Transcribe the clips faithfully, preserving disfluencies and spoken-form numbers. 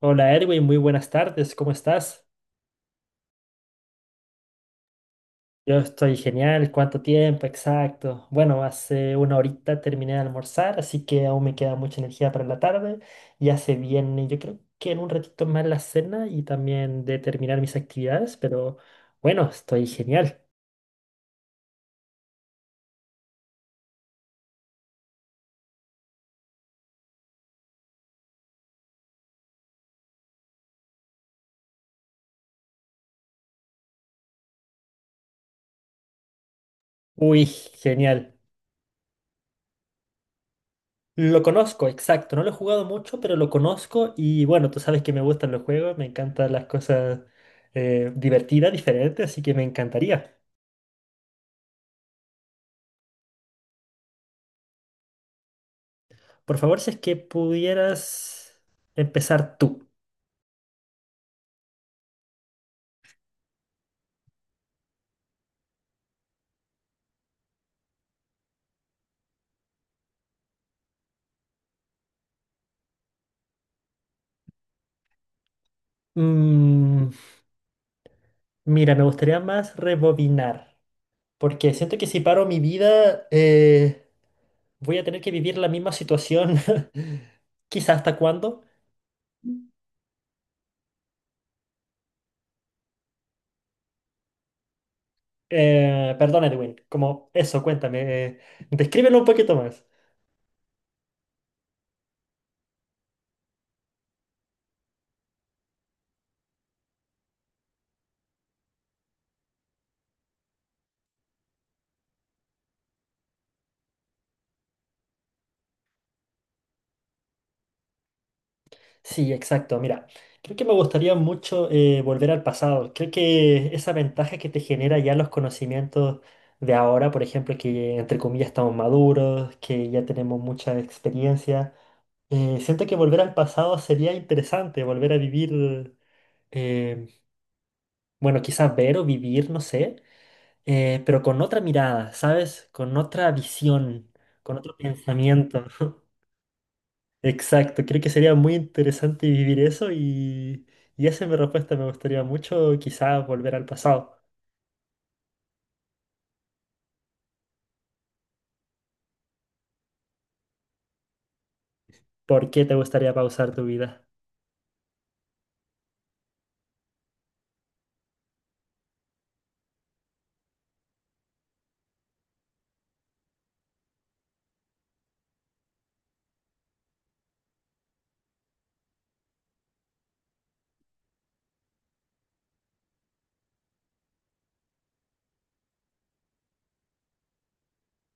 Hola Erwin, muy buenas tardes, ¿cómo estás? Yo estoy genial, ¿cuánto tiempo? Exacto. Bueno, hace una horita terminé de almorzar, así que aún me queda mucha energía para la tarde. Ya se viene, yo creo que en un ratito más la cena y también de terminar mis actividades, pero bueno, estoy genial. Uy, genial. Lo conozco, exacto. No lo he jugado mucho, pero lo conozco y bueno, tú sabes que me gustan los juegos, me encantan las cosas eh, divertidas, diferentes, así que me encantaría. Por favor, si es que pudieras empezar tú. Mm, mira, me gustaría más rebobinar, porque siento que si paro mi vida, eh, voy a tener que vivir la misma situación, quizás hasta cuándo. Eh, perdón, Edwin, como eso, cuéntame, eh, descríbelo un poquito más. Sí, exacto. Mira, creo que me gustaría mucho eh, volver al pasado. Creo que esa ventaja que te genera ya los conocimientos de ahora, por ejemplo, que entre comillas estamos maduros, que ya tenemos mucha experiencia, eh, siento que volver al pasado sería interesante, volver a vivir, eh, bueno, quizás ver o vivir, no sé, eh, pero con otra mirada, ¿sabes? Con otra visión, con otro pensamiento. Exacto, creo que sería muy interesante vivir eso y, y esa es mi respuesta. Me gustaría mucho quizás volver al pasado. ¿Por qué te gustaría pausar tu vida?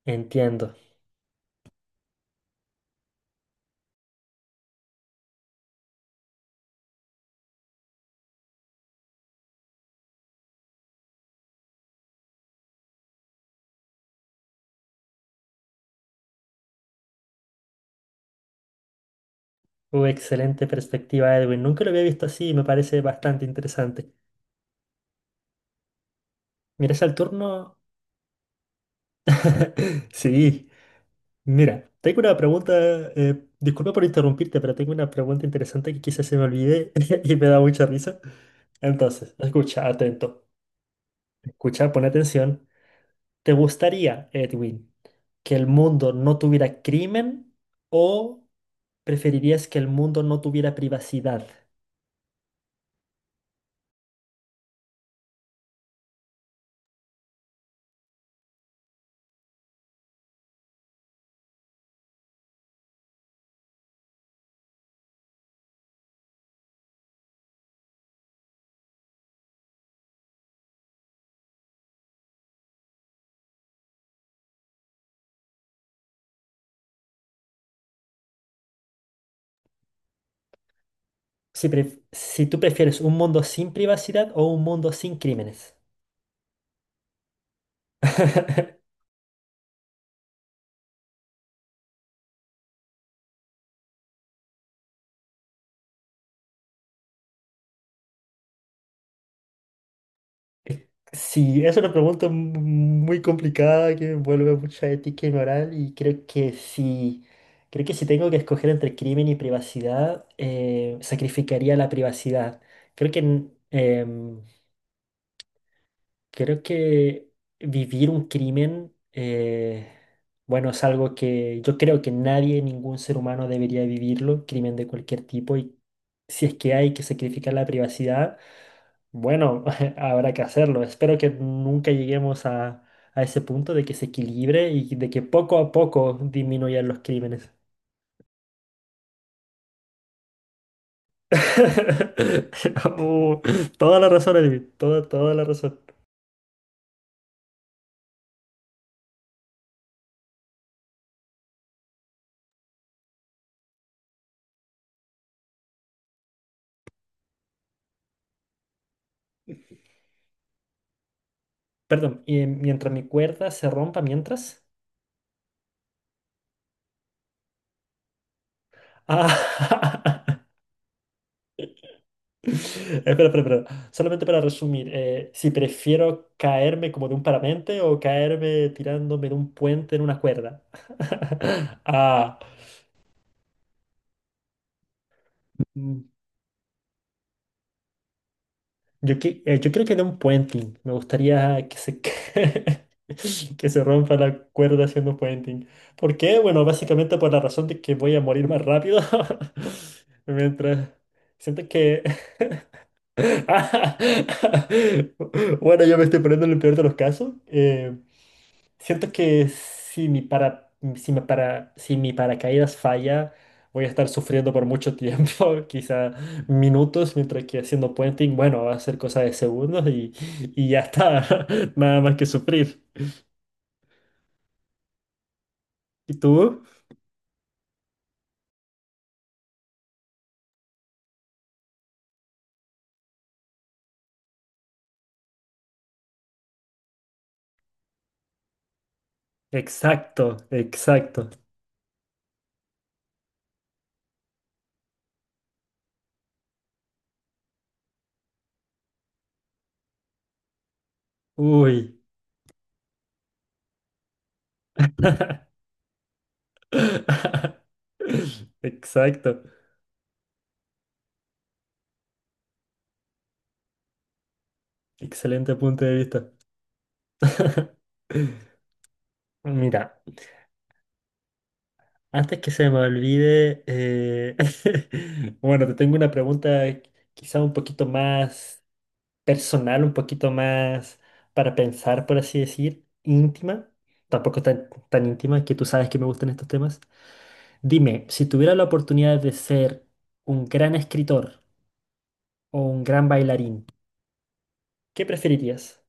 Entiendo. Uh, excelente perspectiva, Edwin. Nunca lo había visto así y me parece bastante interesante. Mira, ¿es el turno? Sí. Mira, tengo una pregunta, eh, disculpa por interrumpirte, pero tengo una pregunta interesante que quizás se me olvide y me da mucha risa. Entonces, escucha, atento. Escucha, pon atención. ¿Te gustaría, Edwin, que el mundo no tuviera crimen o preferirías que el mundo no tuviera privacidad? Si, pref- si tú prefieres un mundo sin privacidad o un mundo sin crímenes. Sí, es una pregunta mu- muy complicada que me envuelve mucha ética y moral y creo que si, creo que si tengo que escoger entre crimen y privacidad, eh, sacrificaría la privacidad. Creo que em, creo que vivir un crimen, eh, bueno, es algo que yo creo que nadie, ningún ser humano debería vivirlo, crimen de cualquier tipo, y si es que hay que sacrificar la privacidad, bueno, habrá que hacerlo. Espero que nunca lleguemos a, a ese punto de que se equilibre y de que poco a poco disminuyan los crímenes. Uh, toda la razón, Edwin, toda, toda la razón. Perdón, y mientras mi cuerda se rompa, mientras... Ah, Espera, espera, espera. Solamente para resumir, eh, si prefiero caerme como de un parapente o caerme tirándome de un puente en una cuerda. Ah, mm, yo, que- eh, yo creo que de un puenting. Me gustaría que se, ca- que se rompa la cuerda haciendo puenting. ¿Por qué? Bueno, básicamente por la razón de que voy a morir más rápido. Mientras siento que bueno, yo me estoy poniendo en el peor de los casos. Eh, siento que si mi para, si me para, si mi paracaídas falla, voy a estar sufriendo por mucho tiempo, quizá minutos, mientras que haciendo puenting, bueno, va a ser cosa de segundos y, y ya está, nada más que sufrir. ¿Y tú? Exacto, exacto. Uy. Exacto. Excelente punto de vista. Mira, antes que se me olvide, eh, bueno, te tengo una pregunta eh, quizá un poquito más personal, un poquito más para pensar, por así decir, íntima, tampoco tan, tan íntima, que tú sabes que me gustan estos temas. Dime, si tuviera la oportunidad de ser un gran escritor o un gran bailarín, ¿qué preferirías?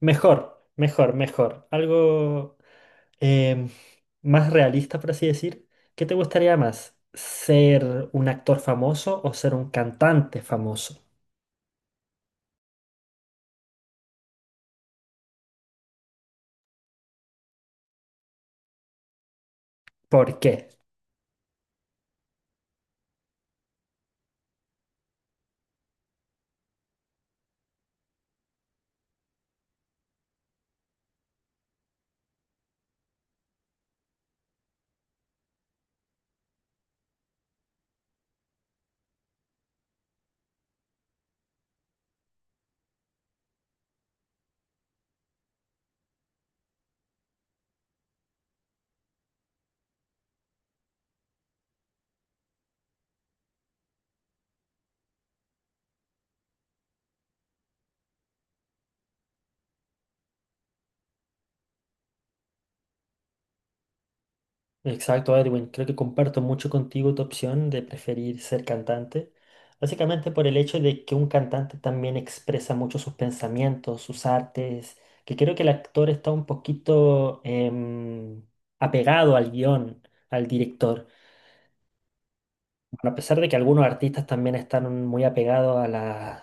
Mejor, mejor, mejor. Algo... em, más realista, por así decir, ¿qué te gustaría más? ¿Ser un actor famoso o ser un cantante famoso? ¿Por qué? Exacto, Edwin. Creo que comparto mucho contigo tu opción de preferir ser cantante. Básicamente por el hecho de que un cantante también expresa mucho sus pensamientos, sus artes, que creo que el actor está un poquito em, apegado al guión, al director. Bueno, a pesar de que algunos artistas también están muy apegados a las,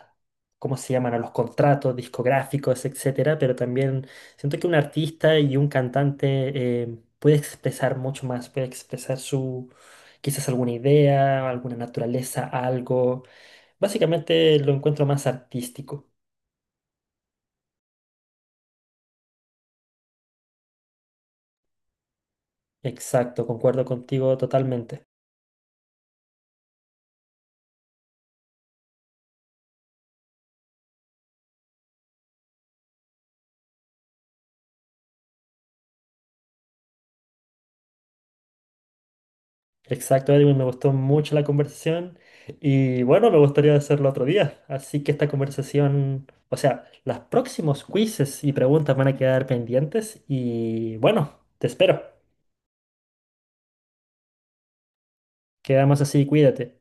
¿cómo se llaman? A los contratos discográficos, etcétera, pero también siento que un artista y un cantante eh, puede expresar mucho más, puede expresar su, quizás alguna idea, alguna naturaleza, algo. Básicamente lo encuentro más artístico. Exacto, concuerdo contigo totalmente. Exacto, Edwin, me gustó mucho la conversación y bueno, me gustaría hacerlo otro día. Así que esta conversación, o sea, los próximos quizzes y preguntas van a quedar pendientes y bueno, te espero. Quedamos así, cuídate.